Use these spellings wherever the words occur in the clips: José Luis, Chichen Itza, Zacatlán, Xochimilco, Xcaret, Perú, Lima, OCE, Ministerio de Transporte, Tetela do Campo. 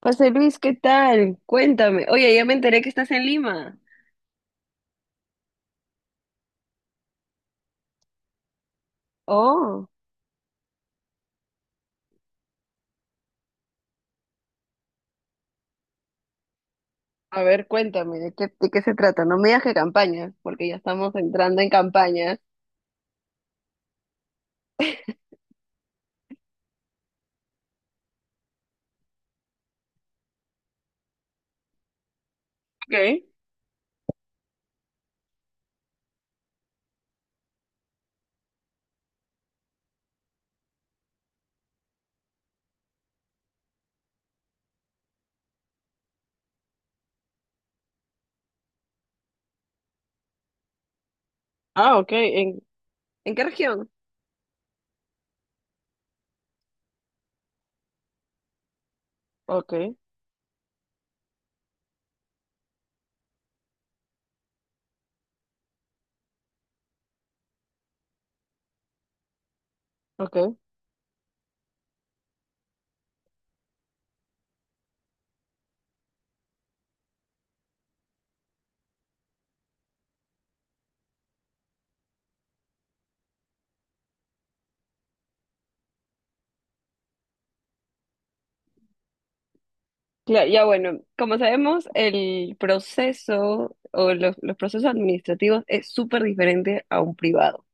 José Luis, ¿qué tal? Cuéntame. Oye, ya me enteré que estás en Lima. Oh, a ver, cuéntame, ¿de qué se trata? No me digas que campaña, porque ya estamos entrando en campaña. Okay. Ah, okay. ¿En qué región? Okay. Okay. Claro, ya bueno, como sabemos, el proceso o los procesos administrativos es súper diferente a un privado.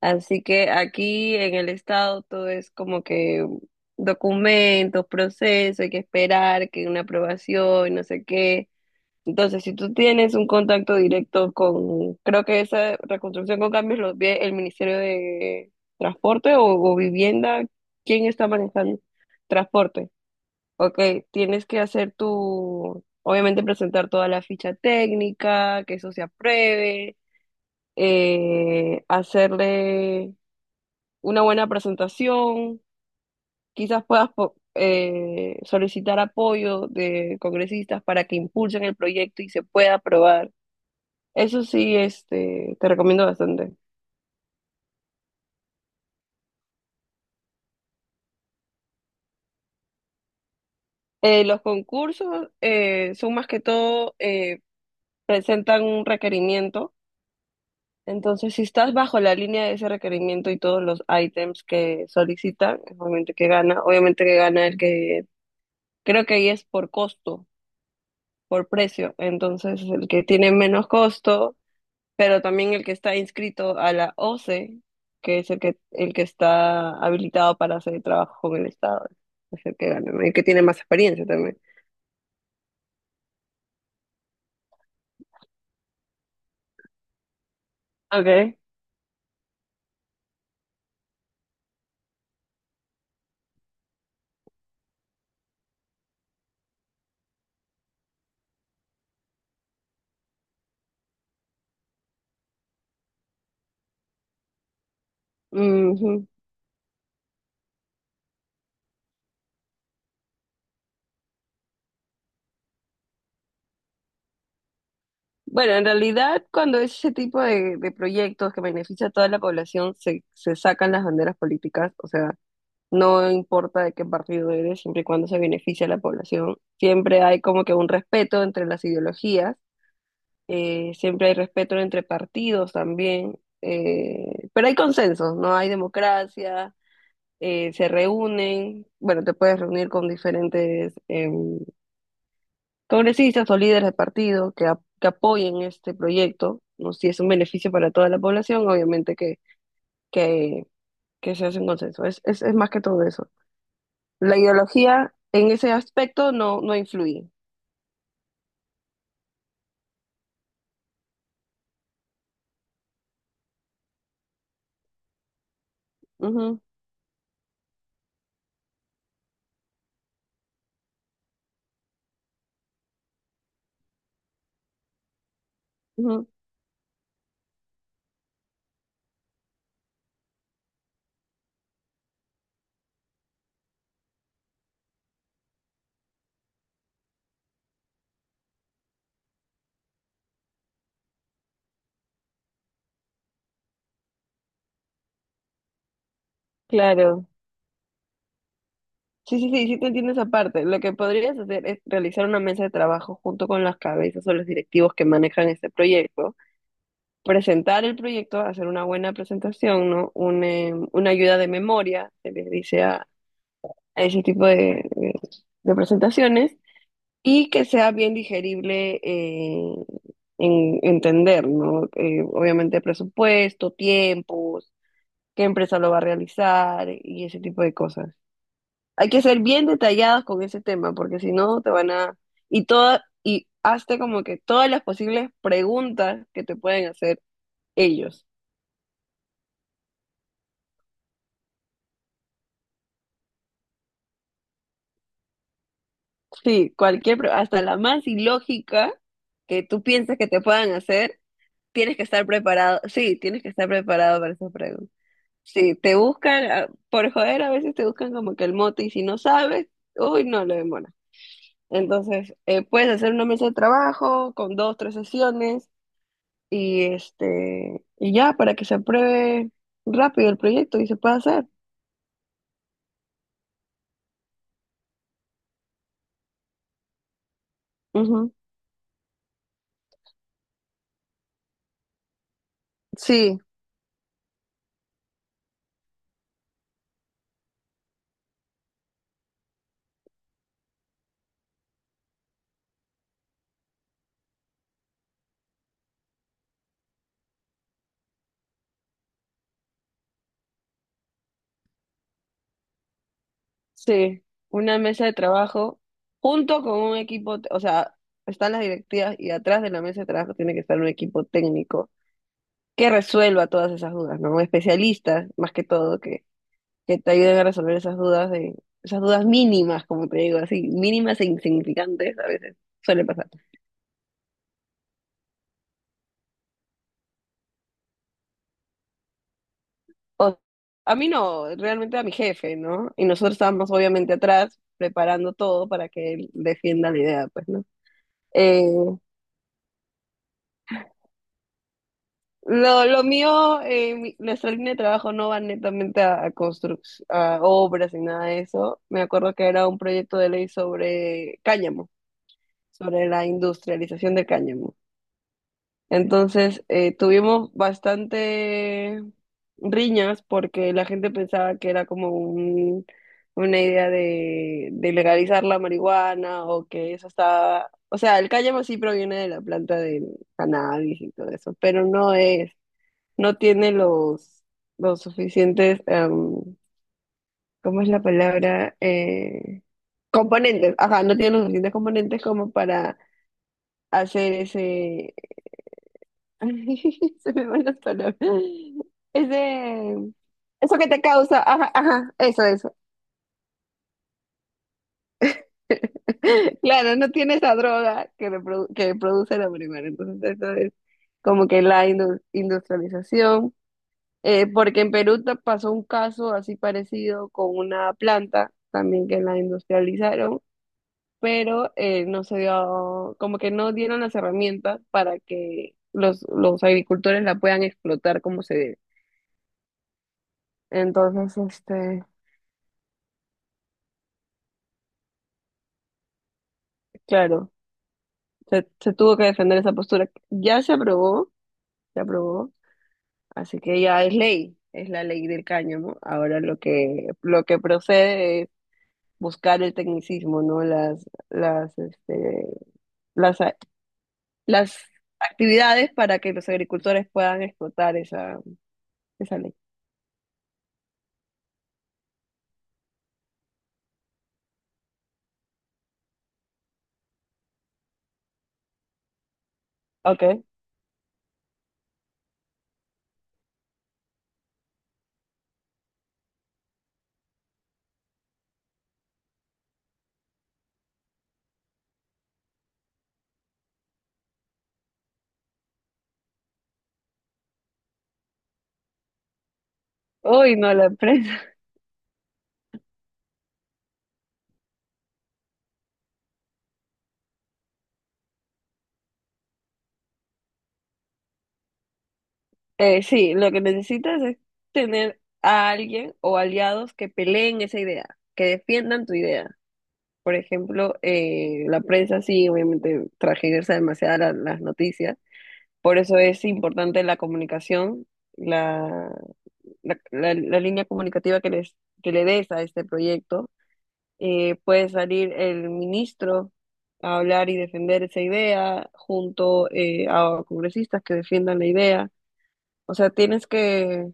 Así que aquí en el estado todo es como que documentos, proceso, hay que esperar que una aprobación, no sé qué. Entonces, si tú tienes un contacto directo con, creo que esa reconstrucción con cambios lo ve el Ministerio de Transporte o Vivienda, ¿quién está manejando transporte? Ok, tienes que hacer tu, obviamente presentar toda la ficha técnica, que eso se apruebe, hacerle una buena presentación, quizás puedas solicitar apoyo de congresistas para que impulsen el proyecto y se pueda aprobar. Eso sí, este, te recomiendo bastante. Los concursos son más que todo, presentan un requerimiento. Entonces, si estás bajo la línea de ese requerimiento y todos los ítems que solicitan, obviamente que gana el que, creo que ahí es por costo, por precio. Entonces, el que tiene menos costo pero también el que está inscrito a la OCE, que es el que está habilitado para hacer trabajo con el Estado, es el que gana, ¿no? El que tiene más experiencia también. Okay. Ujú. Bueno, en realidad cuando es ese tipo de proyectos que beneficia a toda la población, se sacan las banderas políticas, o sea, no importa de qué partido eres, siempre y cuando se beneficia a la población, siempre hay como que un respeto entre las ideologías, siempre hay respeto entre partidos también, pero hay consensos, ¿no? Hay democracia, se reúnen, bueno, te puedes reunir con diferentes em, congresistas o líderes de partido que, que apoyen este proyecto, ¿no? Si es un beneficio para toda la población, obviamente que, que se hace un consenso, es más que todo eso. La ideología en ese aspecto no, no influye. Ujú, ujú, claro. Sí, sí, sí, sí te entiendo esa parte. Lo que podrías hacer es realizar una mesa de trabajo junto con las cabezas o los directivos que manejan este proyecto, presentar el proyecto, hacer una buena presentación, ¿no? Una ayuda de memoria, se les dice a ese tipo de presentaciones, y que sea bien digerible en entender, ¿no? Obviamente presupuesto, tiempos, qué empresa lo va a realizar y ese tipo de cosas. Hay que ser bien detallados con ese tema, porque si no te van a... Y toda, y hazte como que todas las posibles preguntas que te pueden hacer ellos. Sí, cualquier, hasta la más ilógica que tú pienses que te puedan hacer, tienes que estar preparado. Sí, tienes que estar preparado para esas preguntas. Sí, te buscan, ah, por joder, a veces te buscan como que el mote y si no sabes, uy, no, lo demora. Entonces, puedes hacer una mesa de trabajo con dos, tres sesiones y este, y ya, para que se apruebe rápido el proyecto y se pueda hacer. Ujú. Sí, sí, una mesa de trabajo junto con un equipo, o sea, están las directivas y atrás de la mesa de trabajo tiene que estar un equipo técnico que resuelva todas esas dudas, ¿no? Especialistas, más que todo, que te ayuden a resolver esas dudas de, esas dudas mínimas, como te digo, así, mínimas e insignificantes a veces, suele pasar. O- a mí no, realmente a mi jefe, ¿no? Y nosotros estábamos obviamente atrás preparando todo para que él defienda la idea, pues, ¿no? Eh, lo mío, nuestra línea de trabajo no va netamente a, a a obras ni nada de eso. Me acuerdo que era un proyecto de ley sobre cáñamo, sobre la industrialización de cáñamo. Entonces, tuvimos bastante riñas porque la gente pensaba que era como una idea de legalizar la marihuana o que eso estaba... O sea, el cáñamo sí proviene de la planta del cannabis y todo eso, pero no es, no tiene los suficientes, ¿cómo es la palabra? Componentes, ajá, no tiene los suficientes componentes como para hacer ese, se me van las palabras. Es de... Eso que te causa, ajá, ajá, eso, eso. Claro, no tiene esa droga que, que produce la marihuana. Entonces, eso es como que la industrialización. Porque en Perú pasó un caso así parecido con una planta también que la industrializaron, pero no se dio, como que no dieron las herramientas para que los agricultores la puedan explotar como se debe. Entonces, este, claro, se tuvo que defender esa postura. Ya se aprobó, así que ya es ley, es la ley del cáñamo. Ahora lo que procede es buscar el tecnicismo, ¿no? Las, este, las, las actividades para que los agricultores puedan explotar esa, esa ley. Okay. Uy, no, la empresa. Sí, lo que necesitas es tener a alguien o aliados que peleen esa idea, que defiendan tu idea. Por ejemplo, la prensa sí, obviamente, tergiversa demasiado las noticias. Por eso es importante la comunicación, la, la línea comunicativa que, les, que le des a este proyecto. Puede salir el ministro a hablar y defender esa idea junto a congresistas que defiendan la idea. O sea, tienes que...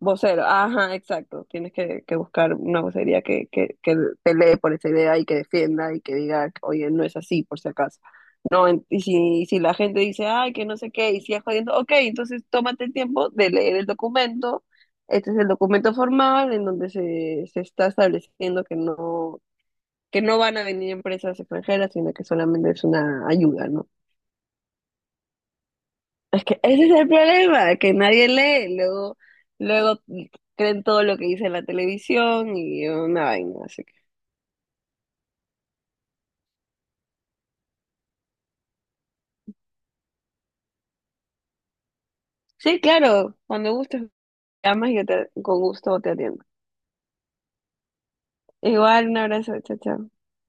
Vocero, ajá, exacto. Tienes que buscar una vocería que pelee por esa idea y que defienda y que diga, oye, no es así, por si acaso. No, y si, si la gente dice, ay, que no sé qué, y sigue jodiendo, ok, entonces tómate el tiempo de leer el documento. Este es el documento formal en donde se está estableciendo que no van a venir empresas extranjeras, sino que solamente es una ayuda, ¿no? Es que ese es el problema, que nadie lee, luego, luego creen todo lo que dice la televisión y una vaina, así que. Sí, claro, cuando gustes me llamas y yo te, con gusto te atiendo. Igual, un abrazo, chao, chao.